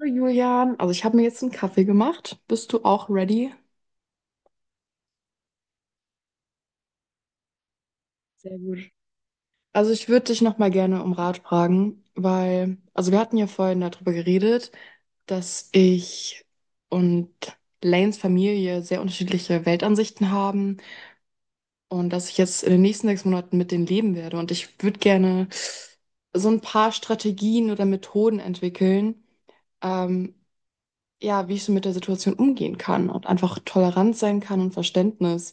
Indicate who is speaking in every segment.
Speaker 1: Hallo Julian, also ich habe mir jetzt einen Kaffee gemacht. Bist du auch ready? Sehr gut. Also ich würde dich nochmal gerne um Rat fragen, weil, also wir hatten ja vorhin darüber geredet, dass ich und Lanes Familie sehr unterschiedliche Weltansichten haben und dass ich jetzt in den nächsten 6 Monaten mit denen leben werde. Und ich würde gerne so ein paar Strategien oder Methoden entwickeln, ähm, ja, wie ich so mit der Situation umgehen kann und einfach tolerant sein kann und Verständnis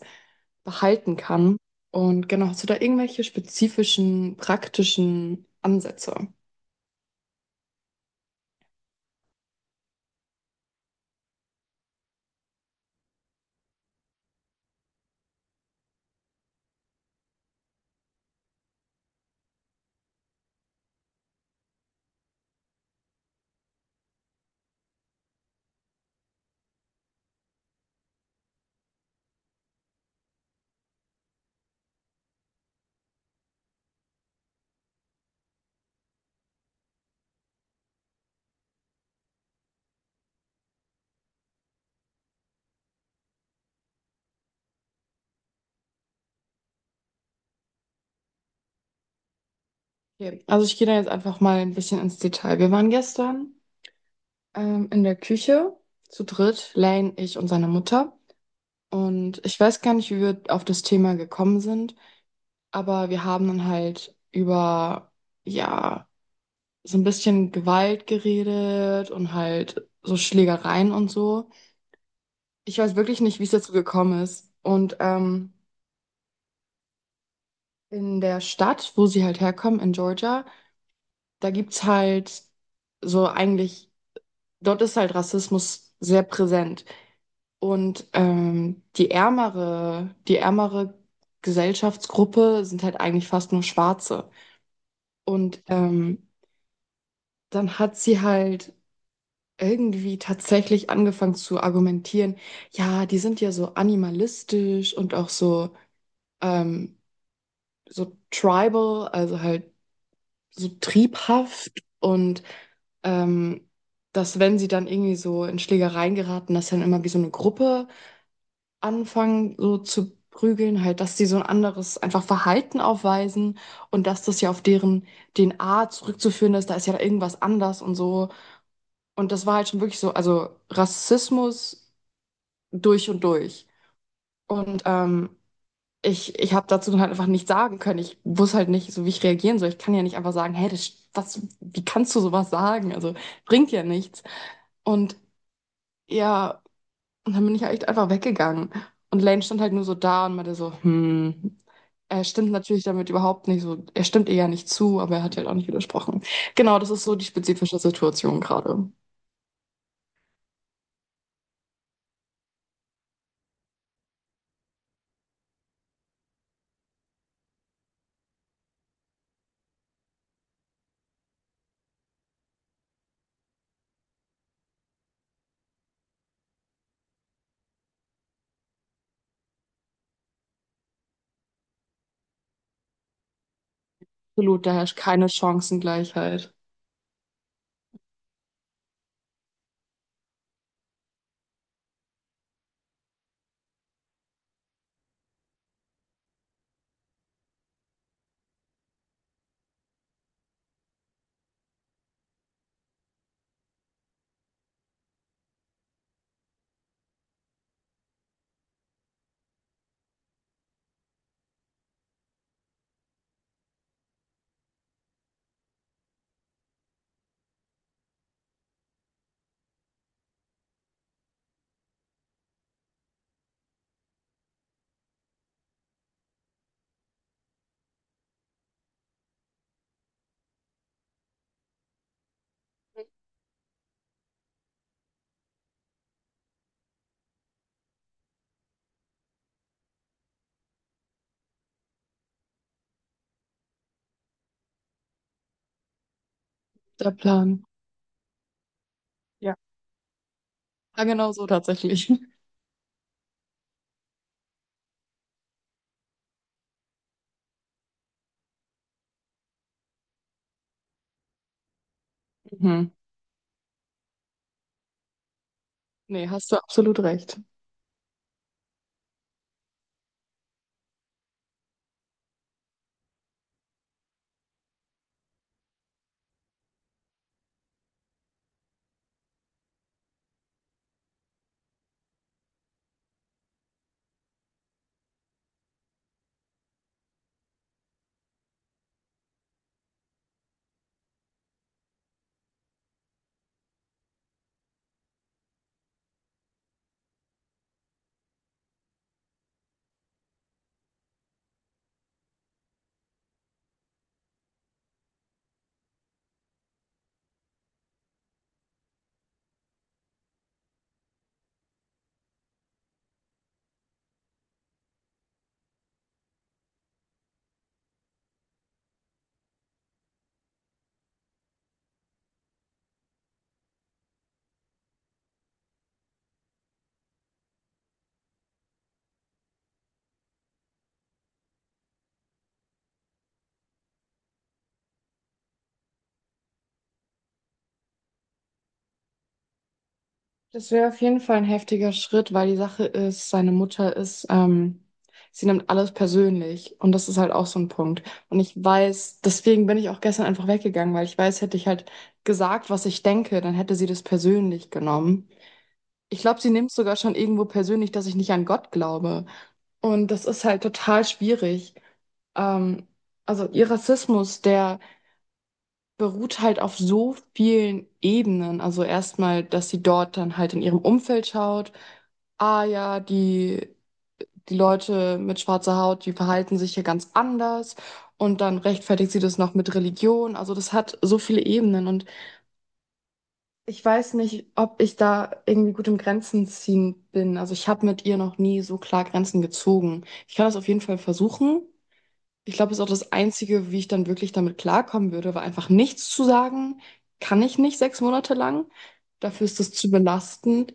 Speaker 1: behalten kann. Und genau, hast du da irgendwelche spezifischen, praktischen Ansätze? Okay. Also ich gehe da jetzt einfach mal ein bisschen ins Detail. Wir waren gestern in der Küche zu dritt, Lane, ich und seine Mutter. Und ich weiß gar nicht, wie wir auf das Thema gekommen sind, aber wir haben dann halt über, ja, so ein bisschen Gewalt geredet und halt so Schlägereien und so. Ich weiß wirklich nicht, wie es dazu gekommen ist. Und in der Stadt, wo sie halt herkommen, in Georgia, da gibt's halt so eigentlich, dort ist halt Rassismus sehr präsent. Und die ärmere Gesellschaftsgruppe sind halt eigentlich fast nur Schwarze. Und dann hat sie halt irgendwie tatsächlich angefangen zu argumentieren, ja, die sind ja so animalistisch und auch so, ähm, so tribal, also halt so triebhaft und ähm, dass wenn sie dann irgendwie so in Schlägereien geraten, dass sie dann immer wie so eine Gruppe anfangen, so zu prügeln, halt, dass sie so ein anderes einfach Verhalten aufweisen und dass das ja auf deren DNA zurückzuführen ist, da ist ja da irgendwas anders und so. Und das war halt schon wirklich so, also Rassismus durch und durch. Und ich habe dazu halt einfach nichts sagen können. Ich wusste halt nicht, so wie ich reagieren soll. Ich kann ja nicht einfach sagen, hey, das, was, wie kannst du sowas sagen? Also bringt ja nichts. Und ja, und dann bin ich halt einfach weggegangen. Und Lane stand halt nur so da und meinte so, hm, er stimmt natürlich damit überhaupt nicht so, er stimmt ihr ja nicht zu, aber er hat ja halt auch nicht widersprochen. Genau, das ist so die spezifische Situation gerade. Absolut, da herrscht keine Chancengleichheit. Der Plan. Ja. Ja, genau so tatsächlich. Mhm. Nee, hast du absolut recht. Das wäre auf jeden Fall ein heftiger Schritt, weil die Sache ist, seine Mutter ist, sie nimmt alles persönlich und das ist halt auch so ein Punkt. Und ich weiß, deswegen bin ich auch gestern einfach weggegangen, weil ich weiß, hätte ich halt gesagt, was ich denke, dann hätte sie das persönlich genommen. Ich glaube, sie nimmt sogar schon irgendwo persönlich, dass ich nicht an Gott glaube. Und das ist halt total schwierig. Ähm, also ihr Rassismus, der beruht halt auf so vielen Ebenen. Also erstmal, dass sie dort dann halt in ihrem Umfeld schaut. Ah ja, die, die Leute mit schwarzer Haut, die verhalten sich hier ganz anders. Und dann rechtfertigt sie das noch mit Religion. Also das hat so viele Ebenen. Und ich weiß nicht, ob ich da irgendwie gut im Grenzen ziehen bin. Also ich habe mit ihr noch nie so klar Grenzen gezogen. Ich kann das auf jeden Fall versuchen. Ich glaube, das ist auch das Einzige, wie ich dann wirklich damit klarkommen würde, war einfach nichts zu sagen, kann ich nicht 6 Monate lang. Dafür ist das zu belastend.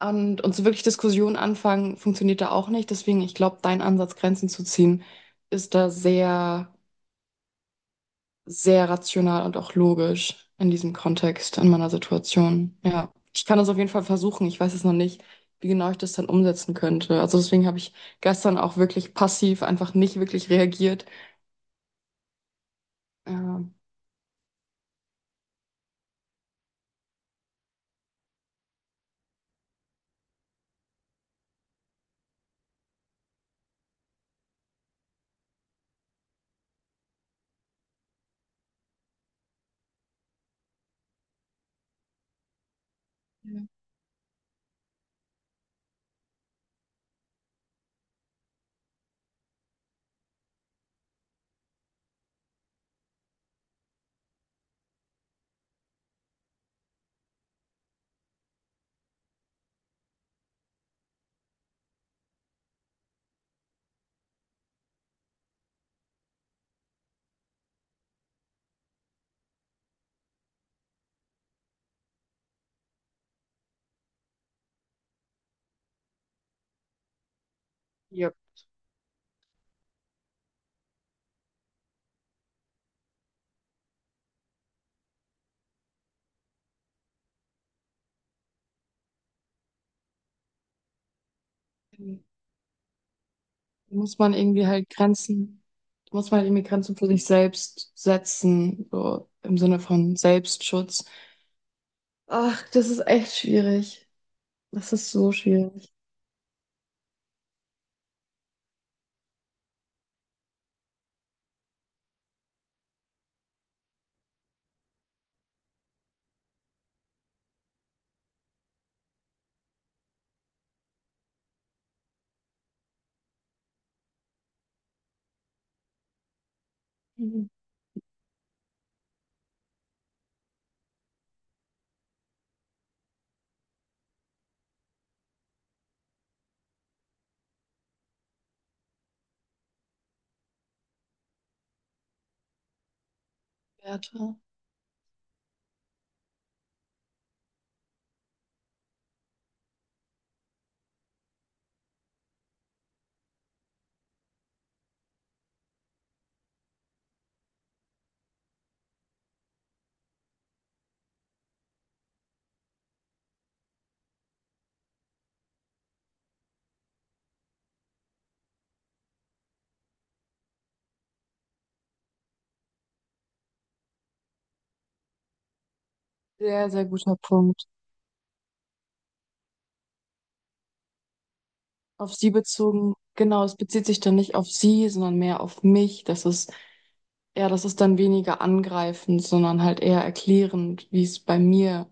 Speaker 1: Und so wirklich Diskussionen anfangen, funktioniert da auch nicht. Deswegen, ich glaube, dein Ansatz, Grenzen zu ziehen, ist da sehr, sehr rational und auch logisch in diesem Kontext, in meiner Situation. Ja, ich kann das auf jeden Fall versuchen. Ich weiß es noch nicht, wie genau ich das dann umsetzen könnte. Also deswegen habe ich gestern auch wirklich passiv einfach nicht wirklich reagiert. Ähm, Ja. Muss man irgendwie halt Grenzen, muss man halt irgendwie Grenzen für sich selbst setzen, so im Sinne von Selbstschutz. Ach, das ist echt schwierig. Das ist so schwierig. Mhm. Werte. Sehr, sehr guter Punkt. Auf sie bezogen, genau, es bezieht sich dann nicht auf sie, sondern mehr auf mich. Das ist, ja, das ist dann weniger angreifend, sondern halt eher erklärend, wie es bei mir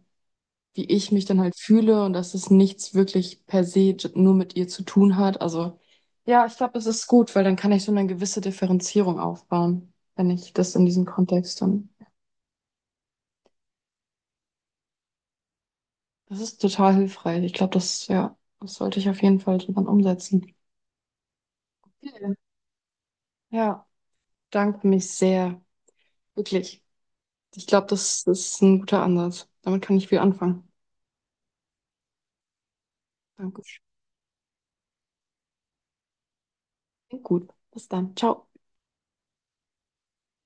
Speaker 1: wie ich mich dann halt fühle und dass es nichts wirklich per se j- nur mit ihr zu tun hat. Also ja, ich glaube, es ist gut, weil dann kann ich so eine gewisse Differenzierung aufbauen, wenn ich das in diesem Kontext dann. Das ist total hilfreich. Ich glaube, das, ja, das sollte ich auf jeden Fall dann umsetzen. Okay. Ja, danke mich sehr. Wirklich. Ich glaube, das ist ein guter Ansatz. Damit kann ich viel anfangen. Danke. Gut. Bis dann. Ciao.